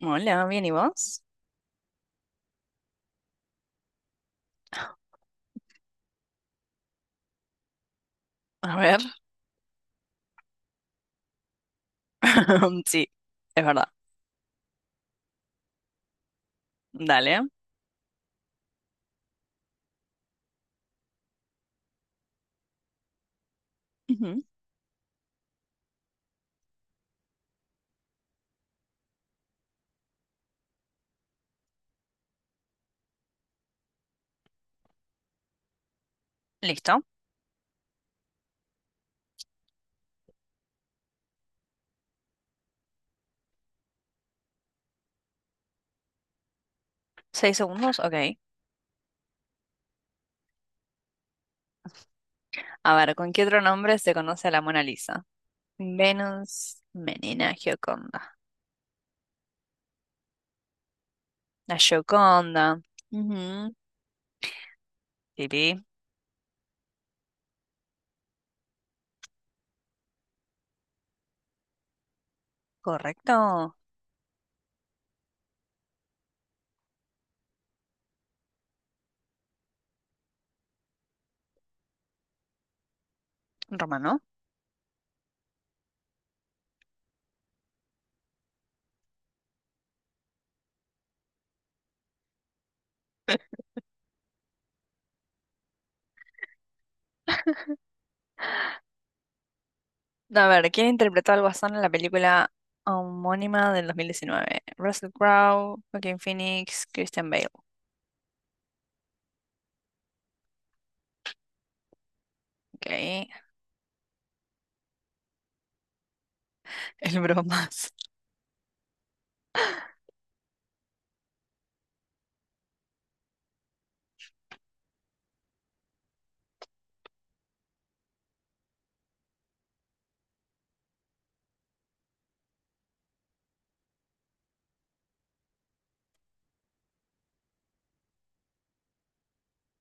Hola, bien, ¿y vos? A ver. Sí, es verdad. Dale. Ujú. Listo. ¿Seis segundos? Ok. A ver, ¿con qué otro nombre se conoce a la Mona Lisa? Venus, Menina, Gioconda. La Gioconda. Ujú. Pipí. Correcto. Romano. A ver, ¿quién interpretó al Guasón en la película homónima del 2019? Russell Crowe, Joaquin Phoenix, Christian Bale. Ok. El bromas.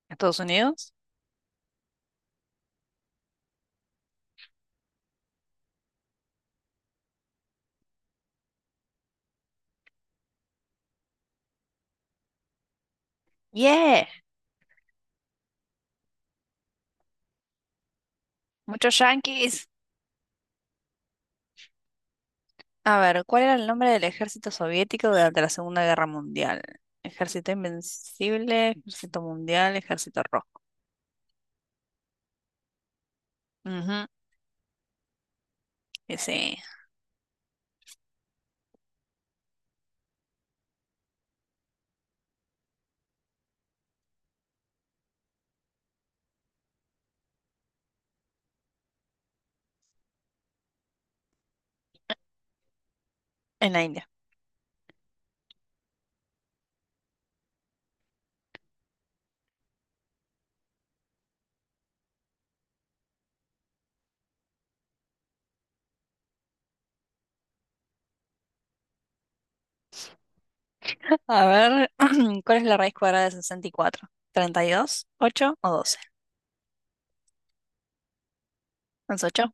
¿Estados Unidos? Yeah. Muchos yanquis. A ver, ¿cuál era el nombre del ejército soviético durante la Segunda Guerra Mundial? Ejército Invencible, Ejército Mundial, Ejército Rojo. Ujú, ese, en la India. A ver, ¿cuál es la raíz cuadrada de 64? Treinta y dos, ocho o 12. ¿Es ocho?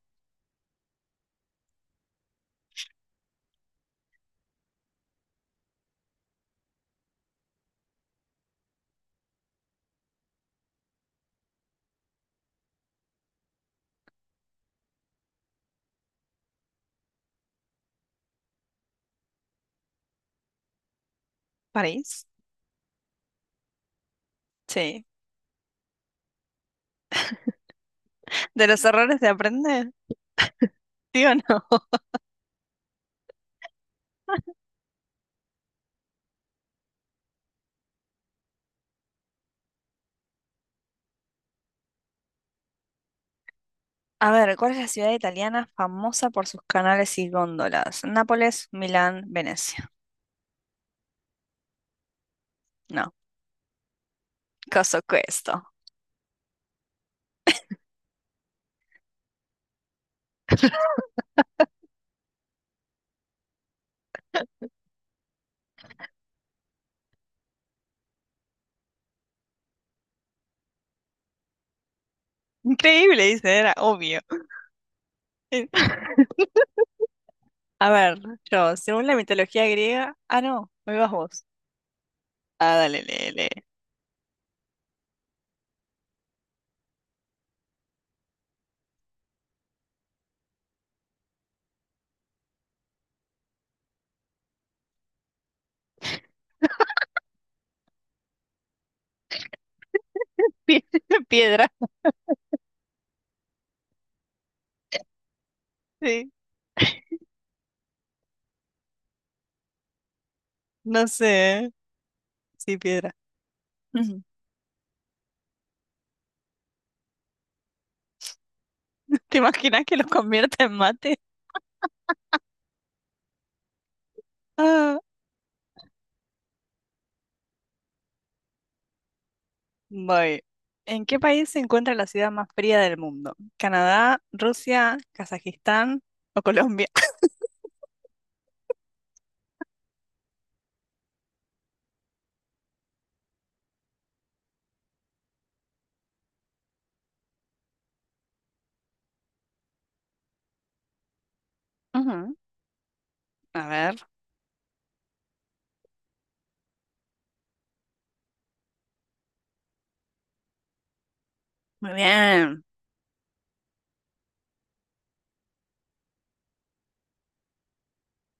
¿París? Sí. ¿De los errores se aprende? ¿Sí o no? A ver, ¿cuál es la ciudad italiana famosa por sus canales y góndolas? Nápoles, Milán, Venecia. No, caso questo. Increíble, dice, era obvio. A ver, yo, según la mitología griega. Ah, no, me vas vos. Ah, dale, lee, lee. Pie- Piedra, sí. No sé. Sí, piedra. Ujú. ¿Te imaginas que los convierta en mate? Ah, voy. ¿En qué país se encuentra la ciudad más fría del mundo? ¿Canadá, Rusia, Kazajistán o Colombia? Ujú. A ver. Muy bien.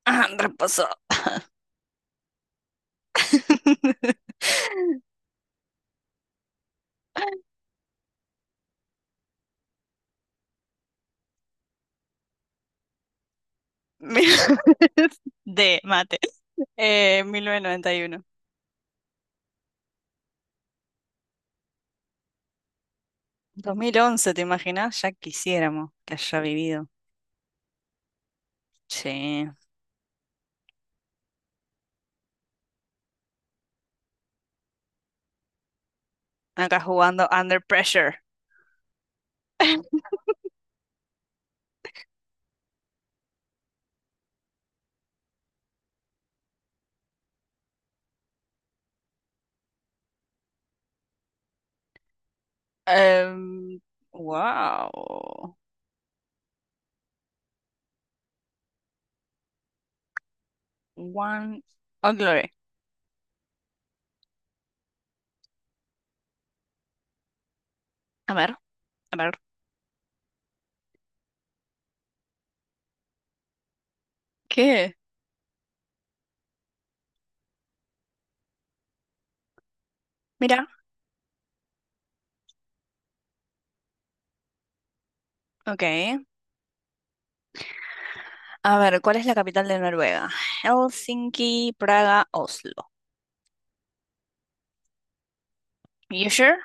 Ah, reposo. mil- de mate. 1991. 2011, ¿te imaginas? Ya quisiéramos que haya vivido. Sí. Acá jugando Under Pressure. Em, wow. One. Oh, Glory. A ver, a ver. ¿Qué? Mira. Ok. A ver, ¿cuál es la capital de Noruega? Helsinki, Praga, Oslo. You sure?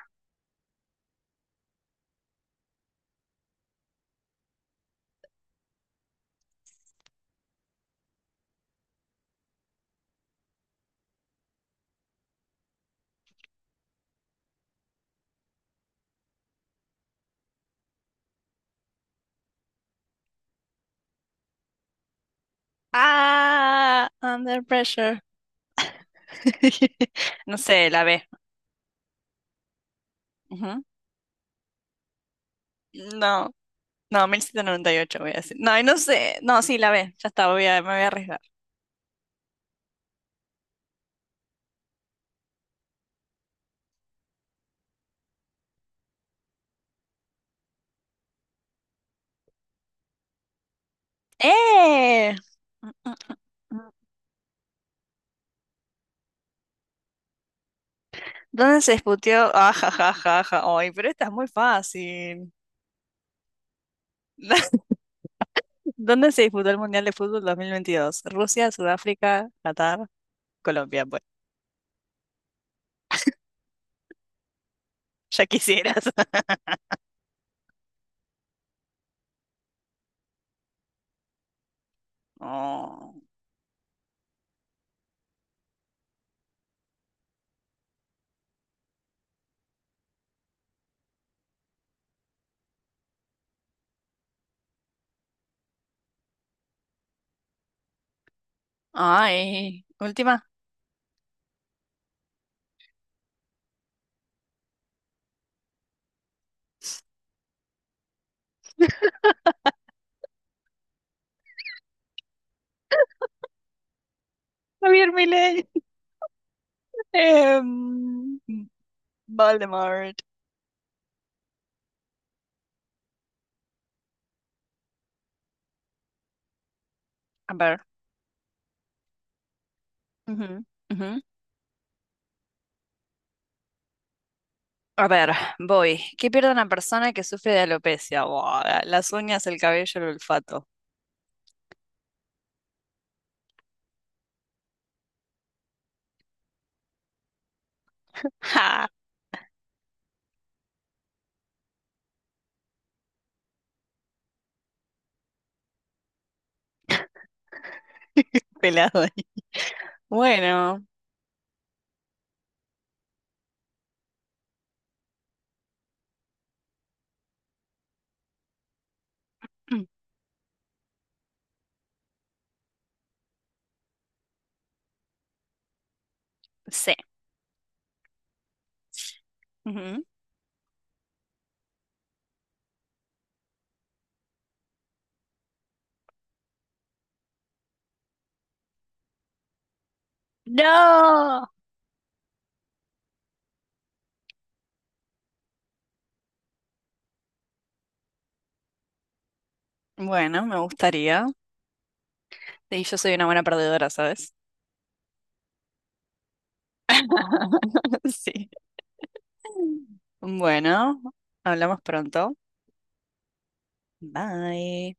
Ah, Under Pressure. No sé, la B. Ujú. No. No, 1798 voy a decir. No, y no sé. No, sí, la B. Ya está, voy a, me voy a arriesgar. ¡Eh! Mm, mm, mm. ¿Dónde se disputó? Ah, ja, ja, ja, ja. Ay, pero esta es muy fácil. ¿Dónde se disputó el Mundial de Fútbol 2022? Rusia, Sudáfrica, Qatar, Colombia. Bueno, ya quisieras. Oh. Ay, última. Javier Milei. Em, Voldemort. A ver. Ujú, ujú. A ver, voy. ¿Qué pierde una persona que sufre de alopecia? Buah, las uñas, el cabello, el olfato. ¡Ja! Pelado ahí. Bueno, sí. Ujú. ¡No! Bueno, me gustaría. Y yo soy una buena perdedora, ¿sabes? Sí. Bueno, hablamos pronto. Bye.